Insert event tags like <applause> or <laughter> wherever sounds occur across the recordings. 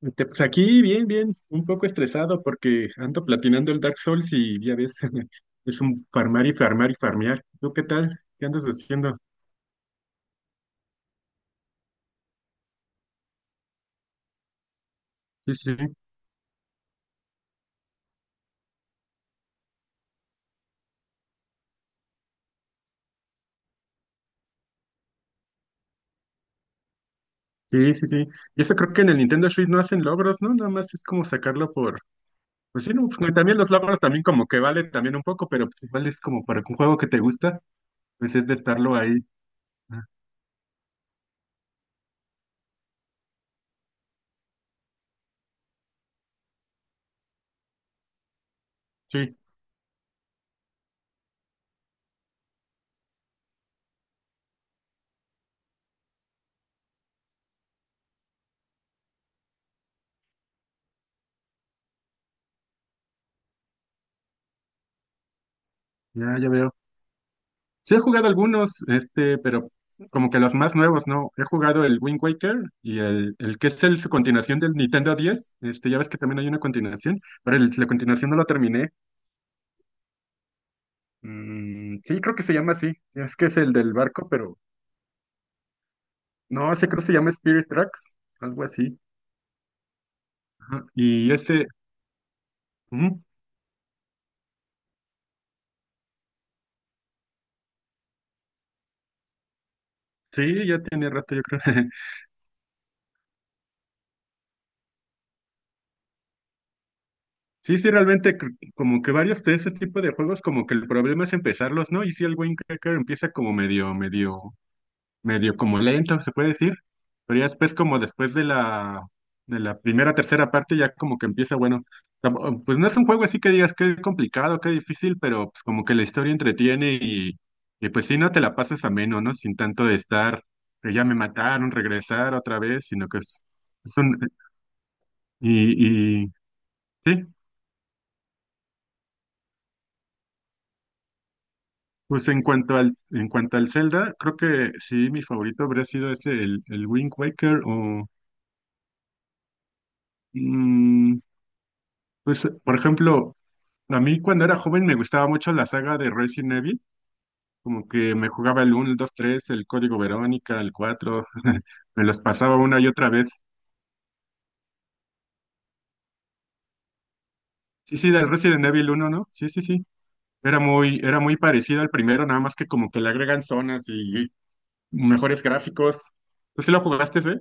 Pues aquí bien, bien, un poco estresado porque ando platinando el Dark Souls y ya ves, <laughs> es un farmar y farmar y farmear. ¿Tú qué tal? ¿Qué andas haciendo? Sí, sí, sí, sí, sí. Y eso creo que en el Nintendo Switch no hacen logros, ¿no? Nada más es como sacarlo por. Pues sí, no, pues, no, también los logros también como que vale también un poco, pero pues igual es como para un juego que te gusta, pues es de estarlo ahí. Ah, sí, ya, ya veo. Sí he jugado algunos, pero como que los más nuevos, ¿no? He jugado el Wind Waker y el que es su continuación del Nintendo 10. Ya ves que también hay una continuación, pero la continuación no la terminé. Mm, sí, creo que se llama así. Es que es el del barco, pero no, sé creo que se llama Spirit Tracks, algo así. Ajá. Y ese, ujú, sí, ya tiene rato, yo creo. <laughs> Sí, sí, realmente como que varios de ese tipo de juegos, como que el problema es empezarlos, ¿no? Y si el Wind Waker empieza como medio como lento, se puede decir, pero ya después como después de la primera, tercera parte, ya como que empieza, bueno, pues no es un juego así que digas que es complicado, que difícil, pero pues como que la historia entretiene y pues sí, no te la pasas ameno, ¿no? Sin tanto de estar, que ya me mataron, regresar otra vez, sino que es un, y sí. Pues en cuanto al Zelda, creo que sí, mi favorito habría sido ese, el Wind Waker o mm, pues por ejemplo, a mí cuando era joven me gustaba mucho la saga de Resident Evil, como que me jugaba el uno el 2 3 el Código Verónica, el 4 <laughs> me los pasaba una y otra vez. Sí, sí, del Resident Evil uno, ¿no? Sí, sí, sí. Era muy parecido al primero, nada más que como que le agregan zonas y mejores gráficos. ¿Tú sí lo jugaste, eh?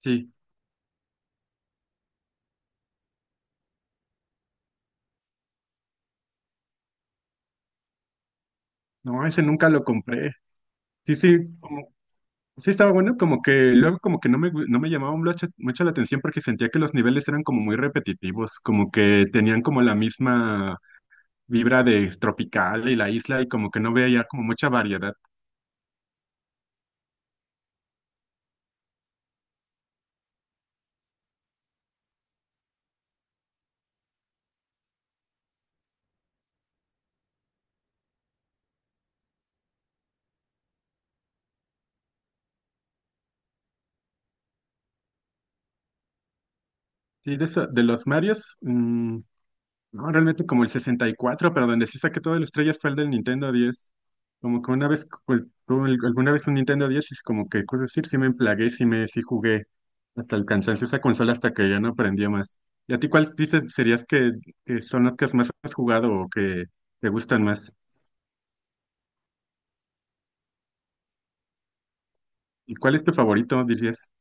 Sí. No, ese nunca lo compré. Sí, sí, sí estaba bueno, como que luego como que no me llamaba mucho, mucho la atención porque sentía que los niveles eran como muy repetitivos, como que tenían como la misma vibra de tropical y la isla y como que no veo ya como mucha variedad. Sí, de los Marios, no, realmente como el 64, pero donde sí saqué todas las estrellas fue el del Nintendo 10. Como que una vez, pues tuve alguna vez un Nintendo 10 y es como que, pues decir, sí me emplagué, sí jugué hasta el cansancio esa consola hasta que ya no aprendía más. ¿Y a ti cuáles dices serías que son las que más has jugado o que te gustan más? ¿Y cuál es tu favorito, dirías?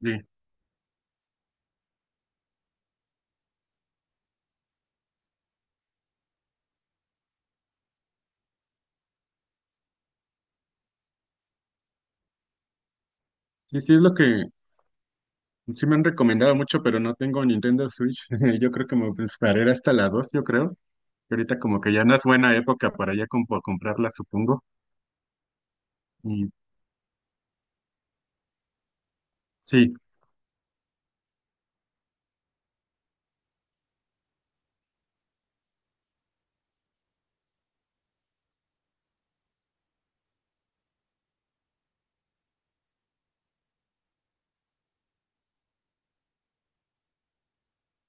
Sí, sí, sí, es lo que. Sí me han recomendado mucho, pero no tengo Nintendo Switch. <laughs> Yo creo que me esperaré hasta la 2, yo creo. Y ahorita como que ya no es buena época para ya comprarla, supongo. Y sí.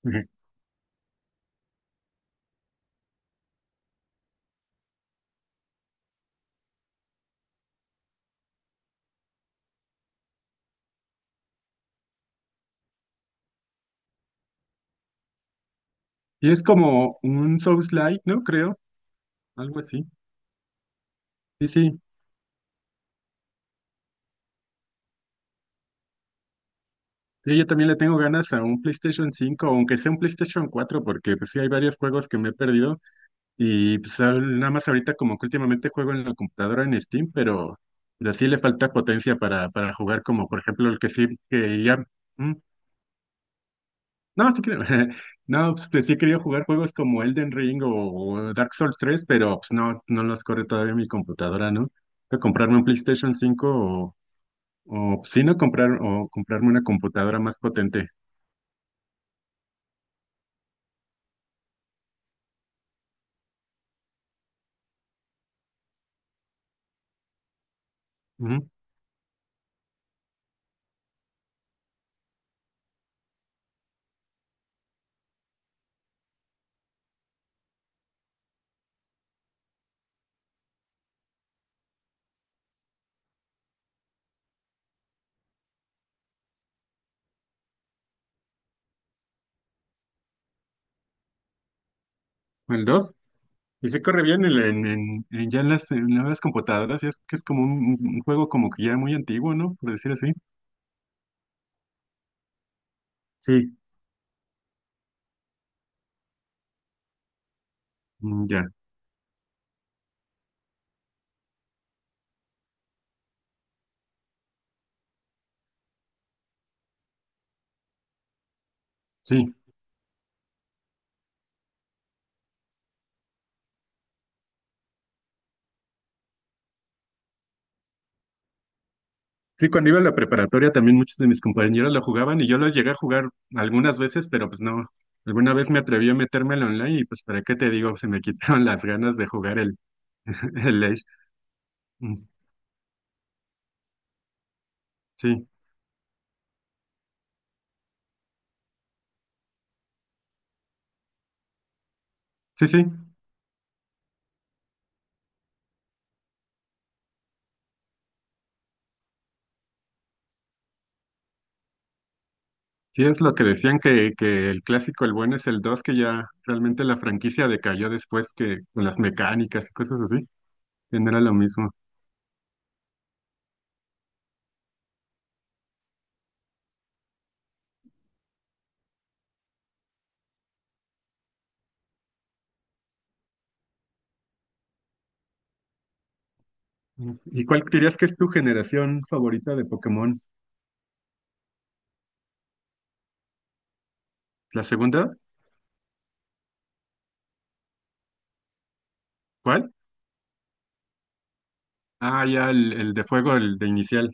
<laughs> Y es como un Souls-like, ¿no? Creo. Algo así. Sí, sí. Sí, yo también le tengo ganas a un PlayStation 5, aunque sea un PlayStation 4, porque pues sí hay varios juegos que me he perdido. Y pues nada más ahorita como que últimamente juego en la computadora en Steam, pero sí le falta potencia para jugar como por ejemplo el que sí, que ya. mm, No, sí creo. <laughs> No, pues, sí he querido jugar juegos como Elden Ring o Dark Souls 3, pero pues no, no los corre todavía mi computadora, ¿no? Tengo que comprarme un PlayStation 5 o si no comprarme una computadora más potente. Ujú. El 2. Y se corre bien ya en las computadoras, ya es que es como un juego como que ya muy antiguo, ¿no? Por decir así. Sí, mm, ya. Sí. Sí, cuando iba a la preparatoria también muchos de mis compañeros lo jugaban y yo lo llegué a jugar algunas veces, pero pues no. Alguna vez me atreví a meterme al online y pues para qué te digo, se me <laughs> quitaron las ganas de jugar el, <laughs> el Age. Mm, sí, sí, sí. Sí, es lo que decían que el clásico, el bueno es el 2 que ya realmente la franquicia decayó después que con las mecánicas y cosas así, ya no era lo mismo. Mm. ¿Y cuál dirías que es tu generación favorita de Pokémon? ¿La segunda? ¿Cuál? Ah, ya el de fuego, el de inicial.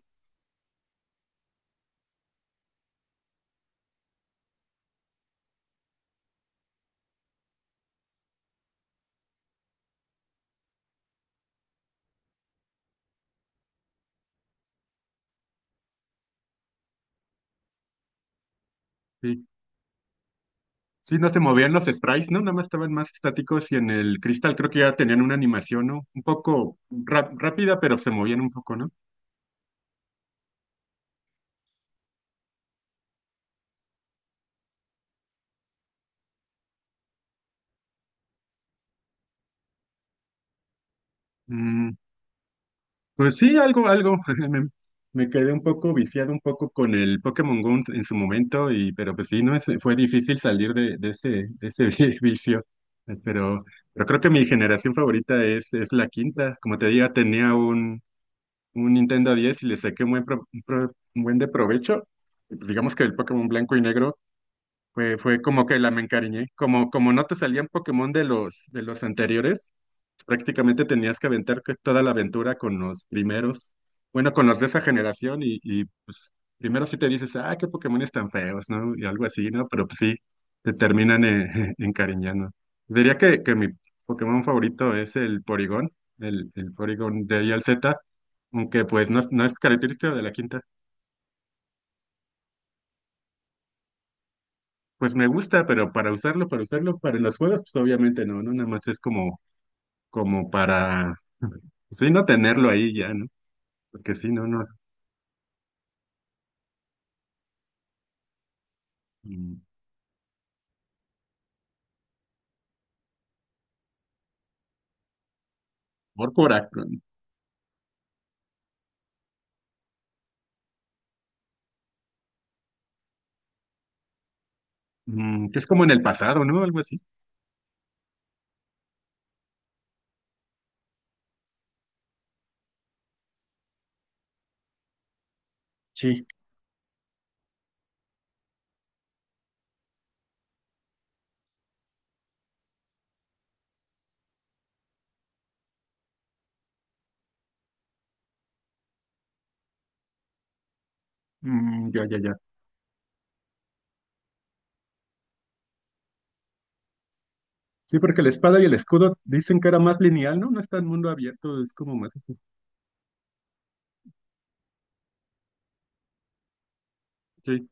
Sí. Sí, no se movían los sprites, ¿no? Nada más estaban más estáticos y en el cristal creo que ya tenían una animación, ¿no? Un poco rápida, pero se movían un poco, ¿no? Mm, pues sí, algo, algo. <laughs> Me, me quedé un poco viciado un poco con el Pokémon Go en su momento, y, pero pues sí, no es, fue difícil salir de ese <laughs> vicio. Eh, Pero, pero creo que mi generación favorita es la quinta. Como te diga, tenía un Nintendo 10 y le saqué un buen de provecho. Y, pues digamos que el Pokémon blanco y negro fue como que la me encariñé. Como no te salían Pokémon de los anteriores, prácticamente tenías que aventar toda la aventura con los primeros, bueno, con los de esa generación y pues primero sí te dices, ah, qué Pokémones tan feos, ¿no? Y algo así, ¿no? Pero pues sí, te terminan <laughs> encariñando. Diría que mi Pokémon favorito es el Porygon, el Porygon de I al Z, aunque pues no, no es característico de la quinta. Pues me gusta, pero para usarlo, para los juegos, pues obviamente no, ¿no? Nada más es como para, sí, no tenerlo ahí ya, ¿no? Porque sí, no, no, mm, por que es como en el pasado, ¿no? Algo así. Sí, mm, ya, ya, ya. Sí, porque la espada y el escudo dicen que era más lineal, ¿no? No está en mundo abierto, es como más así. Sí,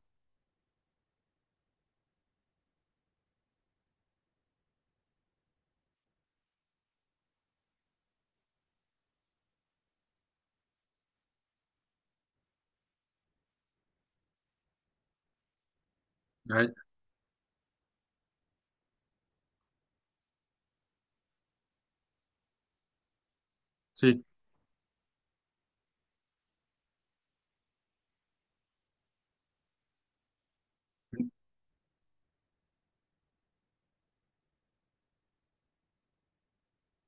ay, sí.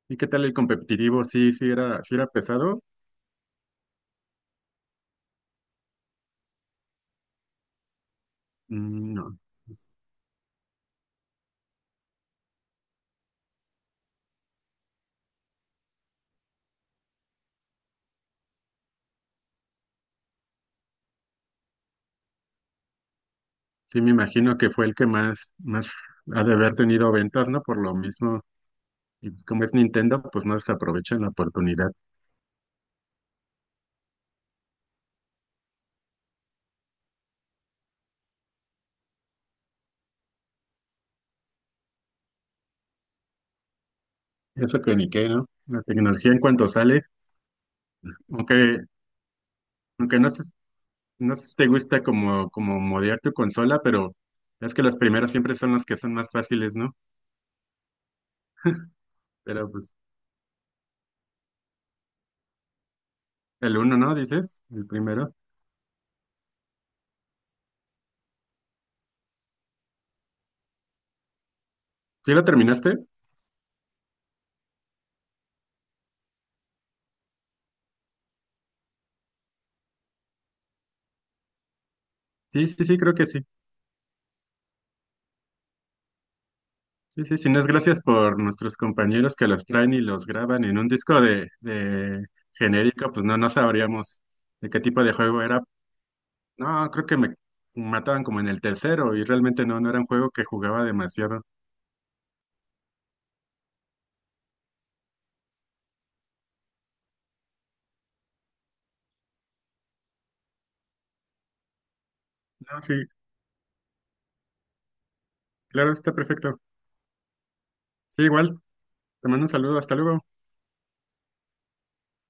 ¿Y qué tal el competitivo? Sí, sí era pesado. Mm, no. Sí, me imagino que fue el que más, más ha de haber tenido ventas, ¿no? Por lo mismo, y como es Nintendo, pues no desaprovechan la oportunidad. Eso que ni qué, ¿no? La tecnología en cuanto sale, aunque, aunque no sé si te gusta como modear tu consola, pero es que las primeras siempre son las que son más fáciles, ¿no? Pero pues el uno, ¿no? Dices, el primero. ¿Sí lo terminaste? Sí, sí, sí, creo que sí. Sí, sí, sí, no es gracias por nuestros compañeros que los traen y los graban en un disco de genérico, pues no, no sabríamos de qué tipo de juego era. No, creo que me mataban como en el tercero y realmente no, no era un juego que jugaba demasiado. No, sí, claro, está perfecto. Sí, igual, te mando un saludo, hasta luego.